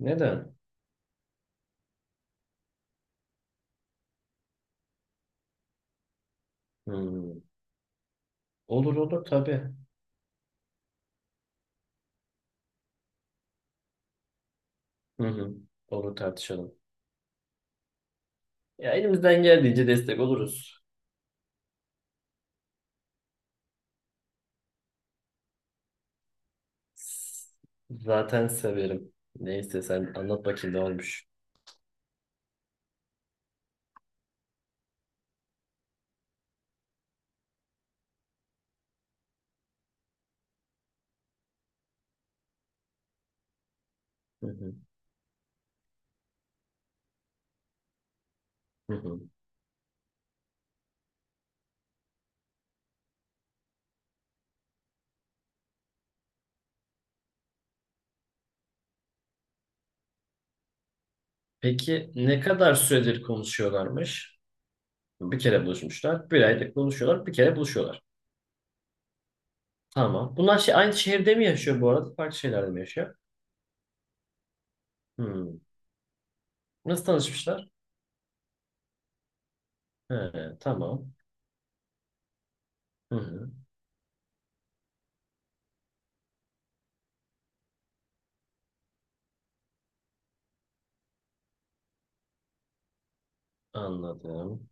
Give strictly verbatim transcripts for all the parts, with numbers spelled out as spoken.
Neden? Hmm. Olur olur tabii. Hı hı. Olur tartışalım. Ya elimizden geldiğince destek oluruz. S- Zaten severim. Neyse sen anlat bakayım ne olmuş. Hı hı. Hı hı. Peki ne kadar süredir konuşuyorlarmış? Bir kere buluşmuşlar. Bir aydır konuşuyorlar. Bir kere buluşuyorlar. Tamam. Bunlar şey, aynı şehirde mi yaşıyor bu arada? Farklı şehirlerde mi yaşıyor? Hmm. Nasıl tanışmışlar? He, tamam. Hı hı. Anladım.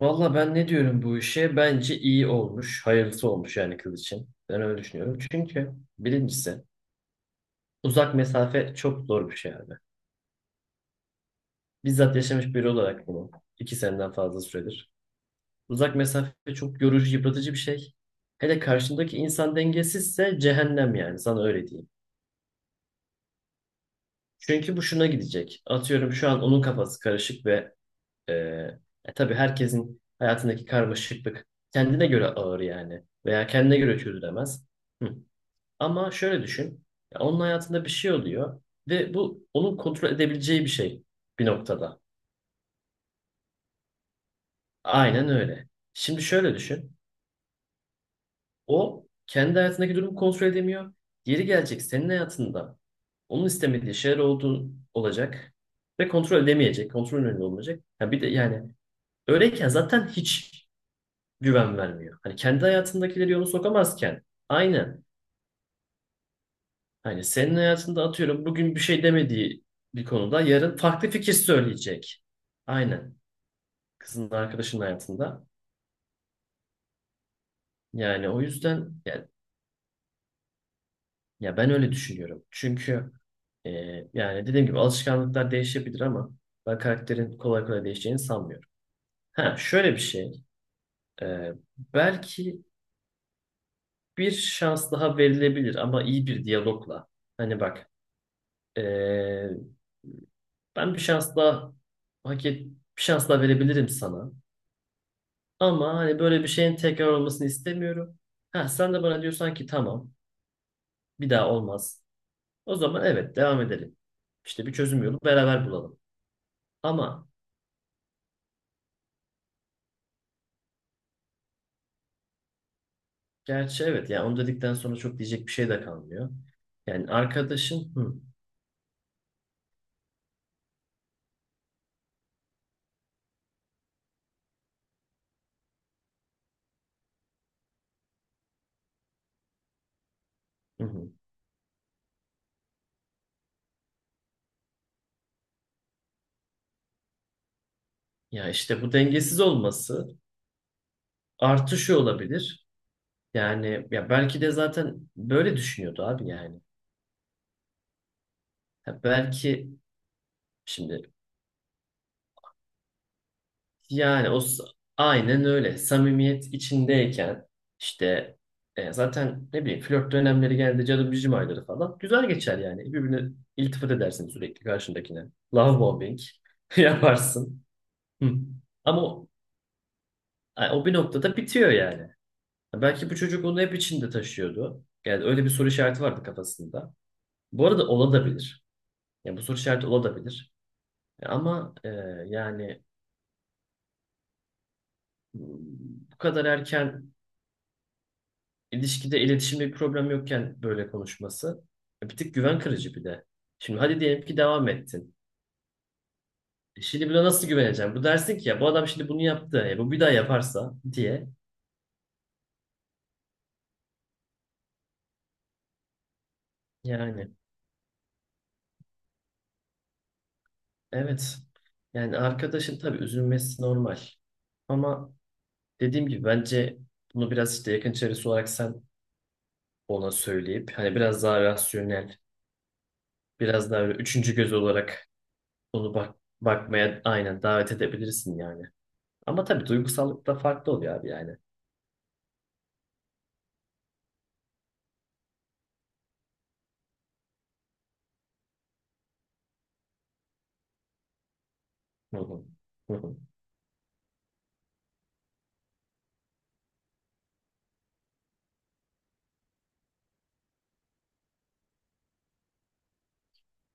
Valla ben ne diyorum bu işe? Bence iyi olmuş, hayırlısı olmuş yani kız için. Ben öyle düşünüyorum. Çünkü birincisi uzak mesafe çok zor bir şey abi. Bizzat yaşamış biri olarak bunu iki seneden fazla süredir. Uzak mesafe çok yorucu, yıpratıcı bir şey. Hele karşındaki insan dengesizse cehennem yani sana öyle diyeyim. Çünkü bu şuna gidecek. Atıyorum şu an onun kafası karışık ve e, e, tabii herkesin hayatındaki karmaşıklık kendine göre ağır yani. Veya kendine göre çözülemez. Hı. Ama şöyle düşün. Ya onun hayatında bir şey oluyor ve bu onun kontrol edebileceği bir şey bir noktada. Aynen öyle. Şimdi şöyle düşün. O kendi hayatındaki durumu kontrol edemiyor. Yeri gelecek senin hayatında onun istemediği şeyler olduğu olacak ve kontrol edemeyecek, kontrol önünde olmayacak. Ya bir de yani öyleyken zaten hiç güven vermiyor. Hani kendi hayatındakileri yoluna sokamazken, aynen, hani senin hayatında atıyorum bugün bir şey demediği bir konuda yarın farklı fikir söyleyecek. Aynen. Kızın arkadaşının hayatında. Yani o yüzden ya, ya ben öyle düşünüyorum. Çünkü e, yani dediğim gibi alışkanlıklar değişebilir ama ben karakterin kolay kolay değişeceğini sanmıyorum. Ha, şöyle bir şey. e, Belki bir şans daha verilebilir ama iyi bir diyalogla. Hani bak, e, ben bir şans daha hak et, bir şans daha verebilirim sana. Ama hani böyle bir şeyin tekrar olmasını istemiyorum. Ha, sen de bana diyorsan ki tamam, bir daha olmaz. O zaman evet, devam edelim. İşte bir çözüm yolu beraber bulalım. Ama gerçi evet, yani onu dedikten sonra çok diyecek bir şey de kalmıyor. Yani arkadaşın, hı, hı, hı. Ya işte bu dengesiz olması artışı olabilir. Yani ya belki de zaten böyle düşünüyordu abi yani. Ha belki şimdi, yani o s- aynen öyle. Samimiyet içindeyken işte e, zaten ne bileyim flört dönemleri geldi, cadı bicim ayları falan. Güzel geçer yani. Birbirine iltifat edersin sürekli karşındakine. Love bombing yaparsın. Hı. Ama o, ay, o bir noktada bitiyor yani. Belki bu çocuk onu hep içinde taşıyordu. Yani öyle bir soru işareti vardı kafasında. Bu arada olabilir. Yani bu soru işareti olabilir. E, Ama e, yani bu kadar erken İlişkide, iletişimde bir problem yokken böyle konuşması e, bir tık güven kırıcı bir de. Şimdi hadi diyelim ki devam ettin. E, Şimdi buna nasıl güveneceğim? Bu dersin ki ya bu adam şimdi bunu yaptı. E, bu bir daha yaparsa diye. Yani evet. Yani arkadaşın tabii üzülmesi normal. Ama dediğim gibi bence bunu biraz işte yakın çevresi olarak sen ona söyleyip hani biraz daha rasyonel, biraz daha böyle üçüncü göz olarak onu bak bakmaya aynen davet edebilirsin yani. Ama tabii duygusallık da farklı oluyor abi yani. Hı hı. Hı hı.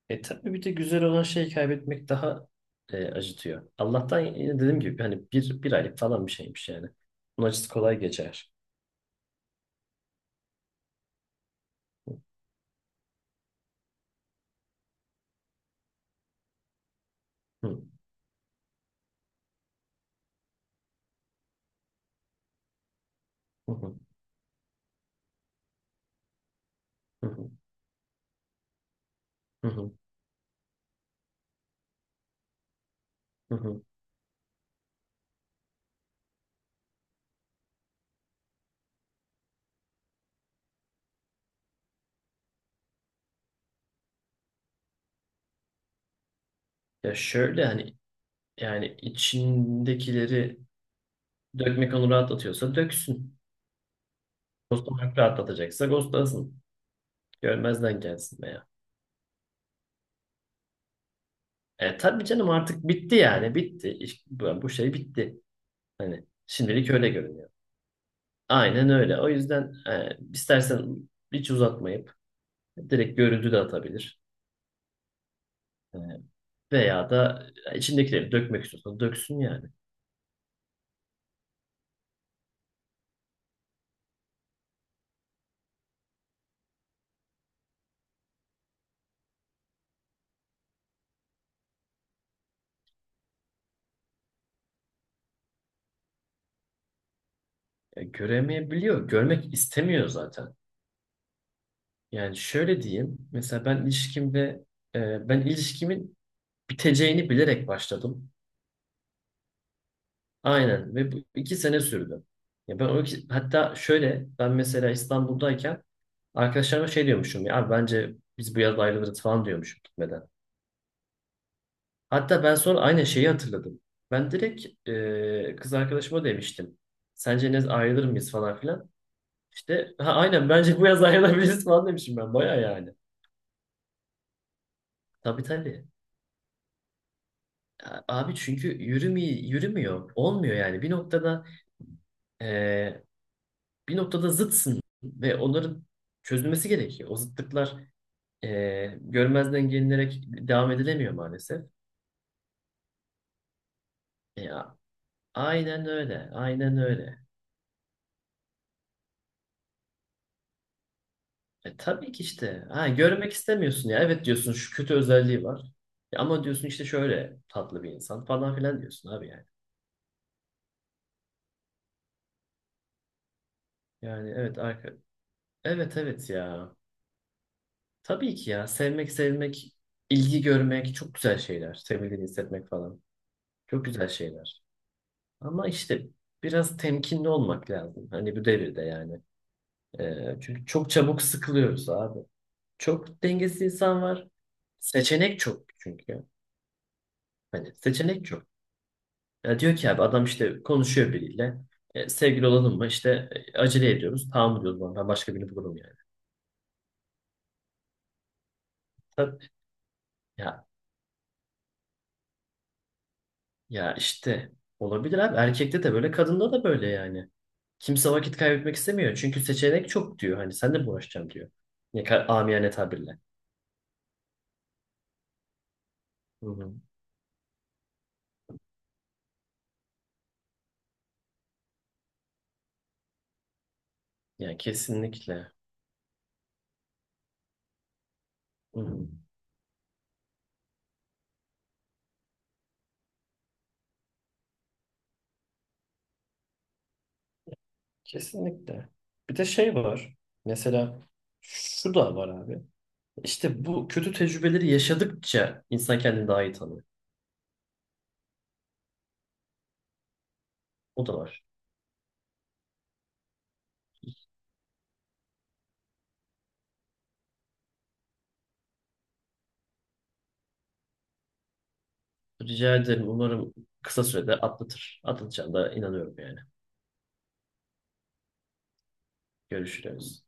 E tabii bir de güzel olan şeyi kaybetmek daha e, acıtıyor. Allah'tan yine dediğim gibi hani bir, bir aylık falan bir şeymiş yani. Bunun acısı kolay geçer. Hı. Hı hı. Hı hı. Hı hı. Hı hı. Ya şöyle hani yani içindekileri dökmek onu rahatlatıyorsa döksün. Ghostlamak rahatlatacaksa ghostlasın. Görmezden gelsin veya. E tabii canım artık bitti yani bitti. İş- bu, bu şey bitti. Hani şimdilik öyle görünüyor. Aynen öyle. O yüzden e, istersen hiç uzatmayıp direkt görüntü de atabilir. E, Veya da e, içindekileri dökmek istiyorsan döksün yani. E, göremeyebiliyor. Görmek istemiyor zaten. Yani şöyle diyeyim. Mesela ben ilişkimde e, ben ilişkimin biteceğini bilerek başladım. Aynen, ve bu iki sene sürdü. Ya ben o iki- hatta şöyle ben mesela İstanbul'dayken arkadaşlarıma şey diyormuşum, ya abi bence biz bu yaz ayrılırız falan diyormuşum gitmeden. Hatta ben sonra aynı şeyi hatırladım. Ben direkt e, kız arkadaşıma demiştim. Sence ne, ayrılır mıyız falan filan. İşte ha, aynen bence bu yaz ayrılabiliriz falan demişim ben. Baya yani. Tabii tabii. Ya, abi çünkü yürümüyor, yürümüyor. Olmuyor yani. Bir noktada e, bir noktada zıtsın ve onların çözülmesi gerekiyor. O zıtlıklar e, görmezden gelinerek devam edilemiyor maalesef. Ya, aynen öyle. Aynen öyle. E tabii ki işte. Ha, görmek istemiyorsun ya. Evet diyorsun, şu kötü özelliği var. Ya ama diyorsun işte şöyle tatlı bir insan falan filan diyorsun abi yani. Yani evet. arka... Evet evet ya. Tabii ki ya. Sevmek, sevilmek, ilgi görmek çok güzel şeyler. Sevildiğini hissetmek falan. Çok güzel şeyler. Ama işte biraz temkinli olmak lazım. Hani bu devirde yani. E, çünkü çok çabuk sıkılıyoruz abi. Çok dengesiz insan var. Seçenek çok çünkü. Hani seçenek çok. Ya diyor ki abi, adam işte konuşuyor biriyle. E, sevgili olalım mı? İşte e, acele ediyoruz. Tamam diyoruz, ben, ben başka birini bulurum yani. Tabii. Ya, ya işte olabilir abi. Erkekte de böyle, kadında da böyle yani. Kimse vakit kaybetmek istemiyor. Çünkü seçenek çok diyor. Hani sen de mi uğraşacaksın diyor. Ne kadar amiyane tabirle. Hı hı. Yani kesinlikle. Hı hı. Kesinlikle. Bir de şey var. Mesela şu da var abi. İşte bu kötü tecrübeleri yaşadıkça insan kendini daha iyi tanıyor. O da var. Rica ederim. Umarım kısa sürede atlatır. Atlatacağına da inanıyorum yani. Görüşürüz.